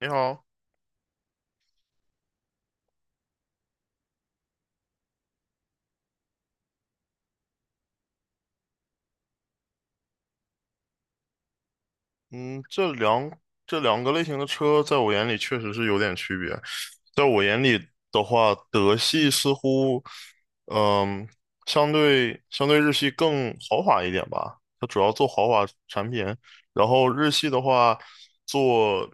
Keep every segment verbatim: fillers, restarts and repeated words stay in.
你好。嗯，这两这两个类型的车在我眼里确实是有点区别。在我眼里的话，德系似乎，嗯，相对相对日系更豪华一点吧。它主要做豪华产品，然后日系的话做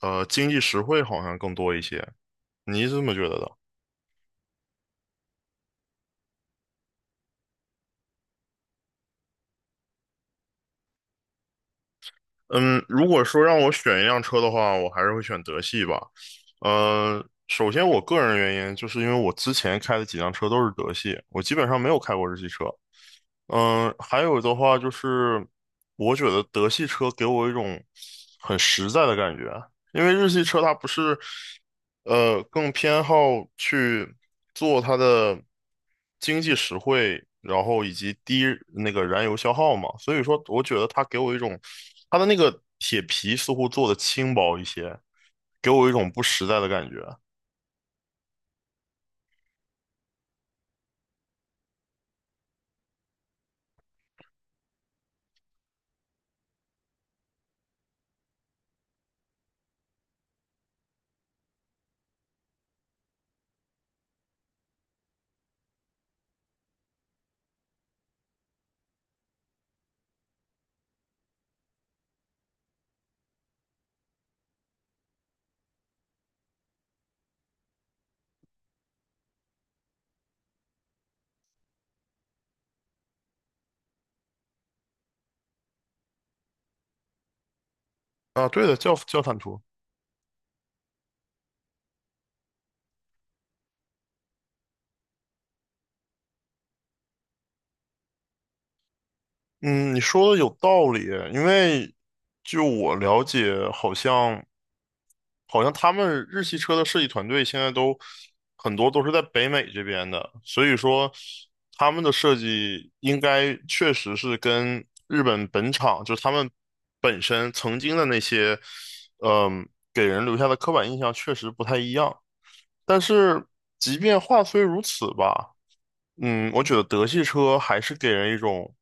呃经济实惠好像更多一些。你是这么觉得的？嗯，如果说让我选一辆车的话，我还是会选德系吧。呃，首先我个人原因就是因为我之前开的几辆车都是德系，我基本上没有开过日系车。嗯，还有的话就是，我觉得德系车给我一种很实在的感觉，因为日系车它不是，呃，更偏好去做它的经济实惠，然后以及低那个燃油消耗嘛，所以说我觉得它给我一种，它的那个铁皮似乎做的轻薄一些，给我一种不实在的感觉。啊，对的，叫叫坦途。嗯，你说的有道理，因为就我了解，好像好像他们日系车的设计团队现在都很多都是在北美这边的，所以说他们的设计应该确实是跟日本本厂，就是他们本身曾经的那些，嗯，给人留下的刻板印象确实不太一样。但是即便话虽如此吧，嗯，我觉得德系车还是给人一种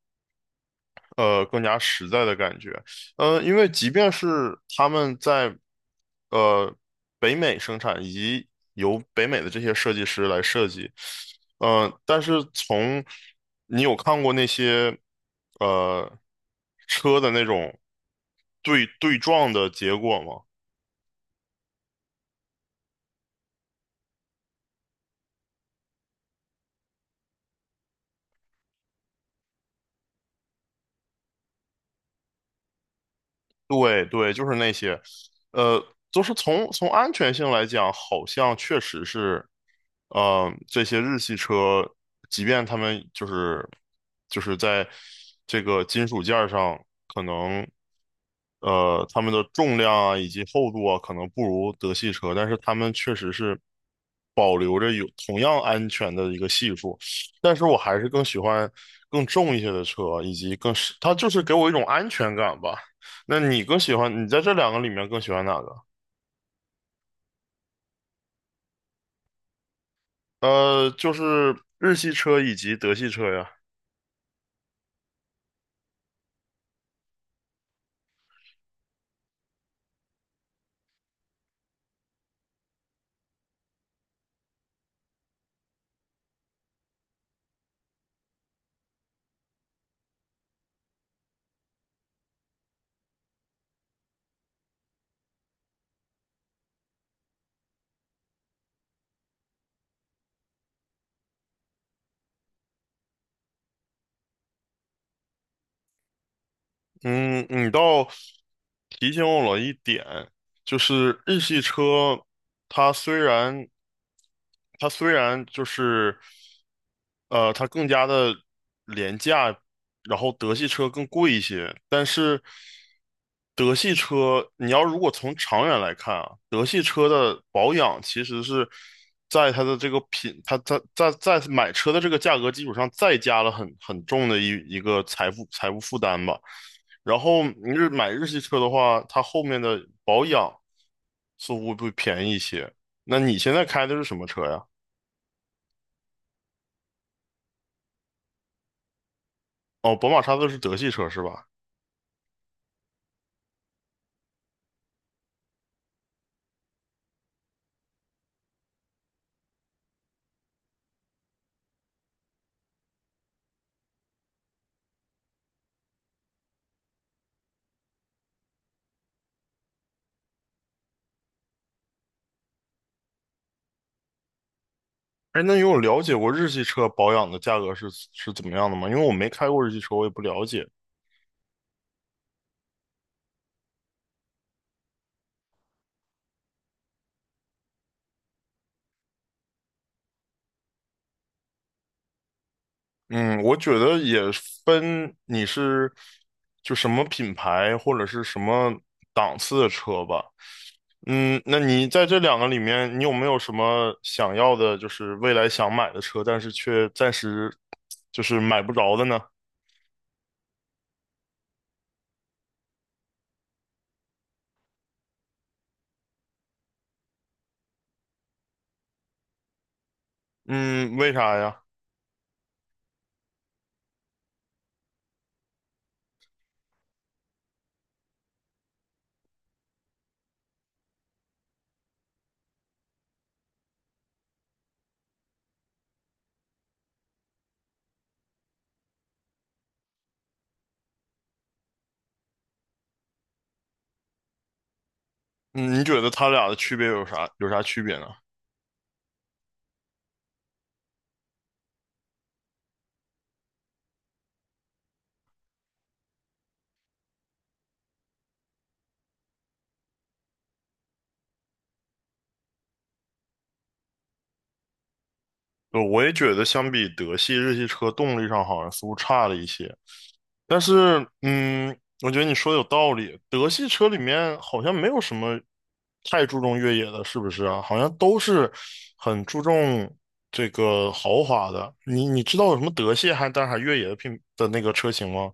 呃更加实在的感觉。呃，因为即便是他们在呃北美生产，以及由北美的这些设计师来设计，呃，但是从你有看过那些呃车的那种对对撞的结果吗？对对，就是那些，呃，就是从从安全性来讲，好像确实是，呃，这些日系车，即便他们就是就是在这个金属件儿上，可能呃，它们的重量啊以及厚度啊，可能不如德系车，但是它们确实是保留着有同样安全的一个系数。但是我还是更喜欢更重一些的车，以及更是，它就是给我一种安全感吧。那你更喜欢，你在这两个里面更喜欢哪个？呃，就是日系车以及德系车呀。嗯，你倒提醒我了一点，就是日系车，它虽然它虽然就是呃，它更加的廉价，然后德系车更贵一些，但是德系车你要如果从长远来看啊，德系车的保养其实是在它的这个品，它它在在买车的这个价格基础上再加了很很重的一一个财富财务负担吧。然后你日买日系车的话，它后面的保养似乎会便宜一些。那你现在开的是什么车呀？哦，宝马叉子是德系车是吧？哎，那你有了解过日系车保养的价格是是怎么样的吗？因为我没开过日系车，我也不了解。嗯，我觉得也分你是就什么品牌或者是什么档次的车吧。嗯，那你在这两个里面，你有没有什么想要的，就是未来想买的车，但是却暂时就是买不着的呢？嗯，为啥呀？嗯，你觉得它俩的区别有啥有啥区别呢？呃我也觉得相比德系、日系车，动力上好像似乎差了一些。但是，嗯，我觉得你说的有道理。德系车里面好像没有什么太注重越野的，是不是啊？好像都是很注重这个豪华的。你你知道有什么德系还但是还越野的品的那个车型吗？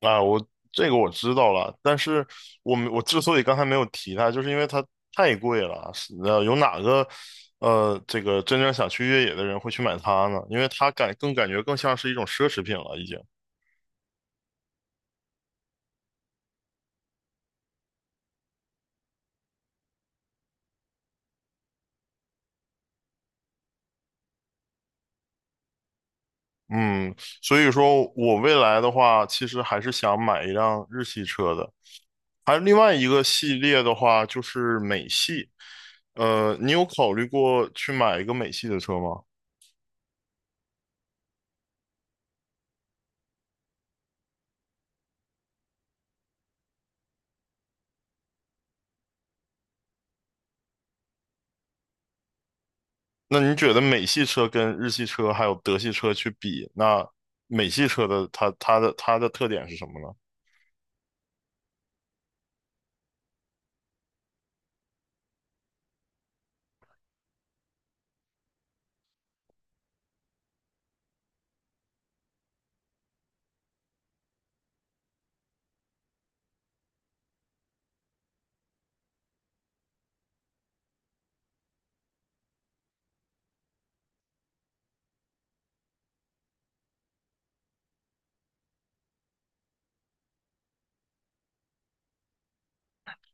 啊，我这个我知道了，但是我们我之所以刚才没有提它，就是因为它太贵了。是呃，有哪个呃这个真正想去越野的人会去买它呢？因为它感更感觉更像是一种奢侈品了，已经。嗯，所以说我未来的话，其实还是想买一辆日系车的。还有另外一个系列的话，就是美系。呃，你有考虑过去买一个美系的车吗？那你觉得美系车跟日系车还有德系车去比，那美系车的它它的它的特点是什么呢？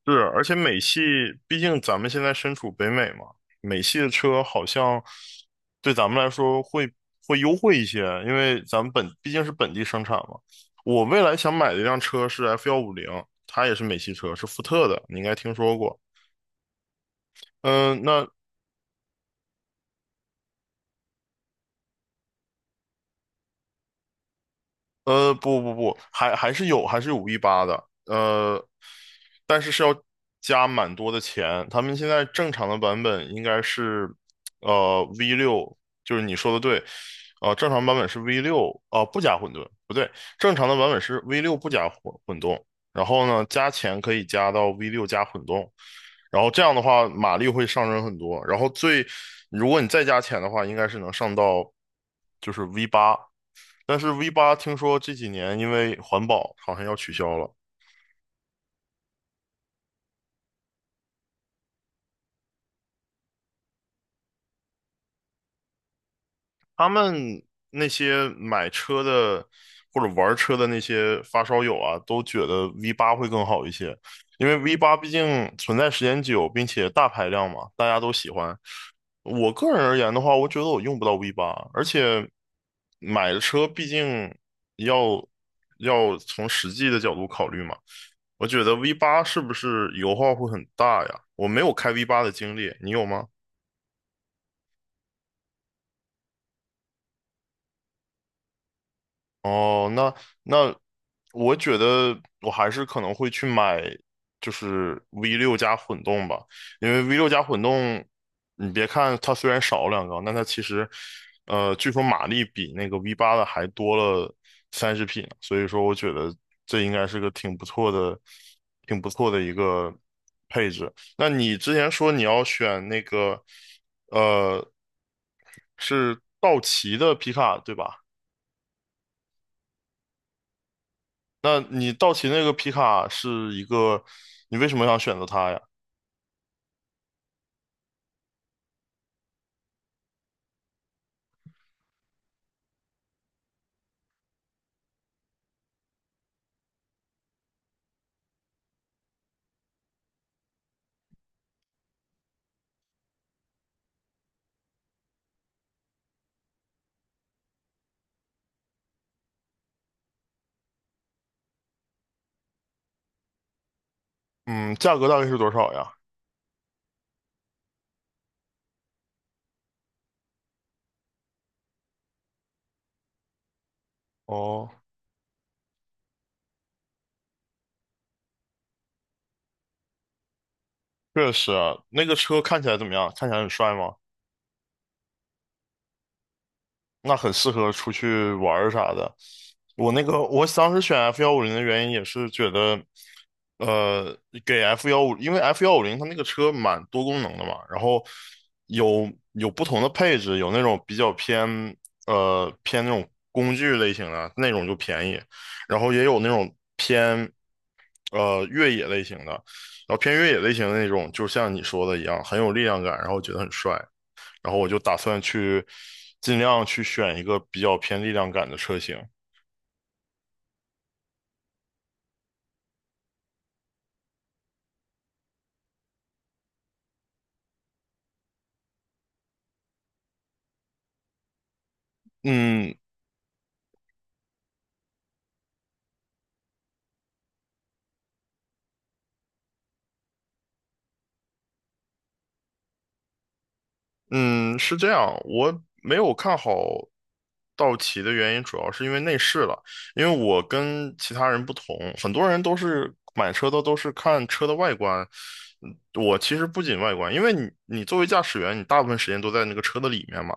是，而且美系，毕竟咱们现在身处北美嘛，美系的车好像对咱们来说会会优惠一些，因为咱们本毕竟是本地生产嘛。我未来想买的一辆车是 F 幺五零，它也是美系车，是福特的，你应该听说过。嗯，那呃，不不不，还还是有，还是有 V 八的，呃，但是是要加蛮多的钱。他们现在正常的版本应该是，呃，V 六，就是你说的对，呃，正常版本是 V 六，呃，不加混沌，不对，正常的版本是 V 六不加混混动，然后呢，加钱可以加到 V 六加混动，然后这样的话马力会上升很多，然后最，如果你再加钱的话，应该是能上到就是 V 八。但是 V 八听说这几年因为环保好像要取消了，他们那些买车的或者玩车的那些发烧友啊，都觉得 V 八会更好一些，因为 V 八毕竟存在时间久，并且大排量嘛，大家都喜欢。我个人而言的话，我觉得我用不到 V 八，而且买的车毕竟要要从实际的角度考虑嘛。我觉得 V 八是不是油耗会很大呀？我没有开 V 八的经历，你有吗？哦，那那我觉得我还是可能会去买，就是 V 六加混动吧，因为 V 六加混动，你别看它虽然少了两缸，但它其实，呃，据说马力比那个 V 八的还多了三十匹呢，所以说我觉得这应该是个挺不错的，挺不错的一个配置。那你之前说你要选那个，呃，是道奇的皮卡，对吧？那你道奇那个皮卡是一个，你为什么想选择它呀？嗯，价格大概是多少呀？哦，确实啊，那个车看起来怎么样？看起来很帅吗？那很适合出去玩儿啥的。我那个我当时选 F 幺五零的原因也是觉得，呃，给 F 幺五，因为 F 幺五零它那个车蛮多功能的嘛，然后有有不同的配置，有那种比较偏呃偏那种工具类型的那种就便宜，然后也有那种偏呃越野类型的，然后偏越野类型的那种，就像你说的一样，很有力量感，然后觉得很帅。然后我就打算去尽量去选一个比较偏力量感的车型。嗯嗯，是这样，我没有看好道奇的原因主要是因为内饰了，因为我跟其他人不同，很多人都是买车的都是看车的外观。嗯我其实不仅外观，因为你你作为驾驶员，你大部分时间都在那个车的里面嘛。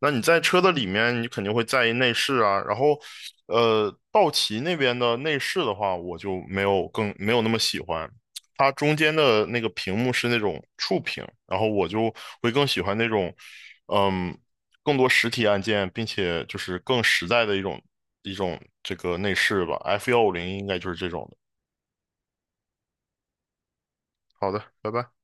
那你在车的里面，你肯定会在意内饰啊。然后，呃，道奇那边的内饰的话，我就没有更没有那么喜欢。它中间的那个屏幕是那种触屏，然后我就会更喜欢那种，嗯，更多实体按键，并且就是更实在的一种一种这个内饰吧。F 幺五零应该就是这种的。好的，拜拜。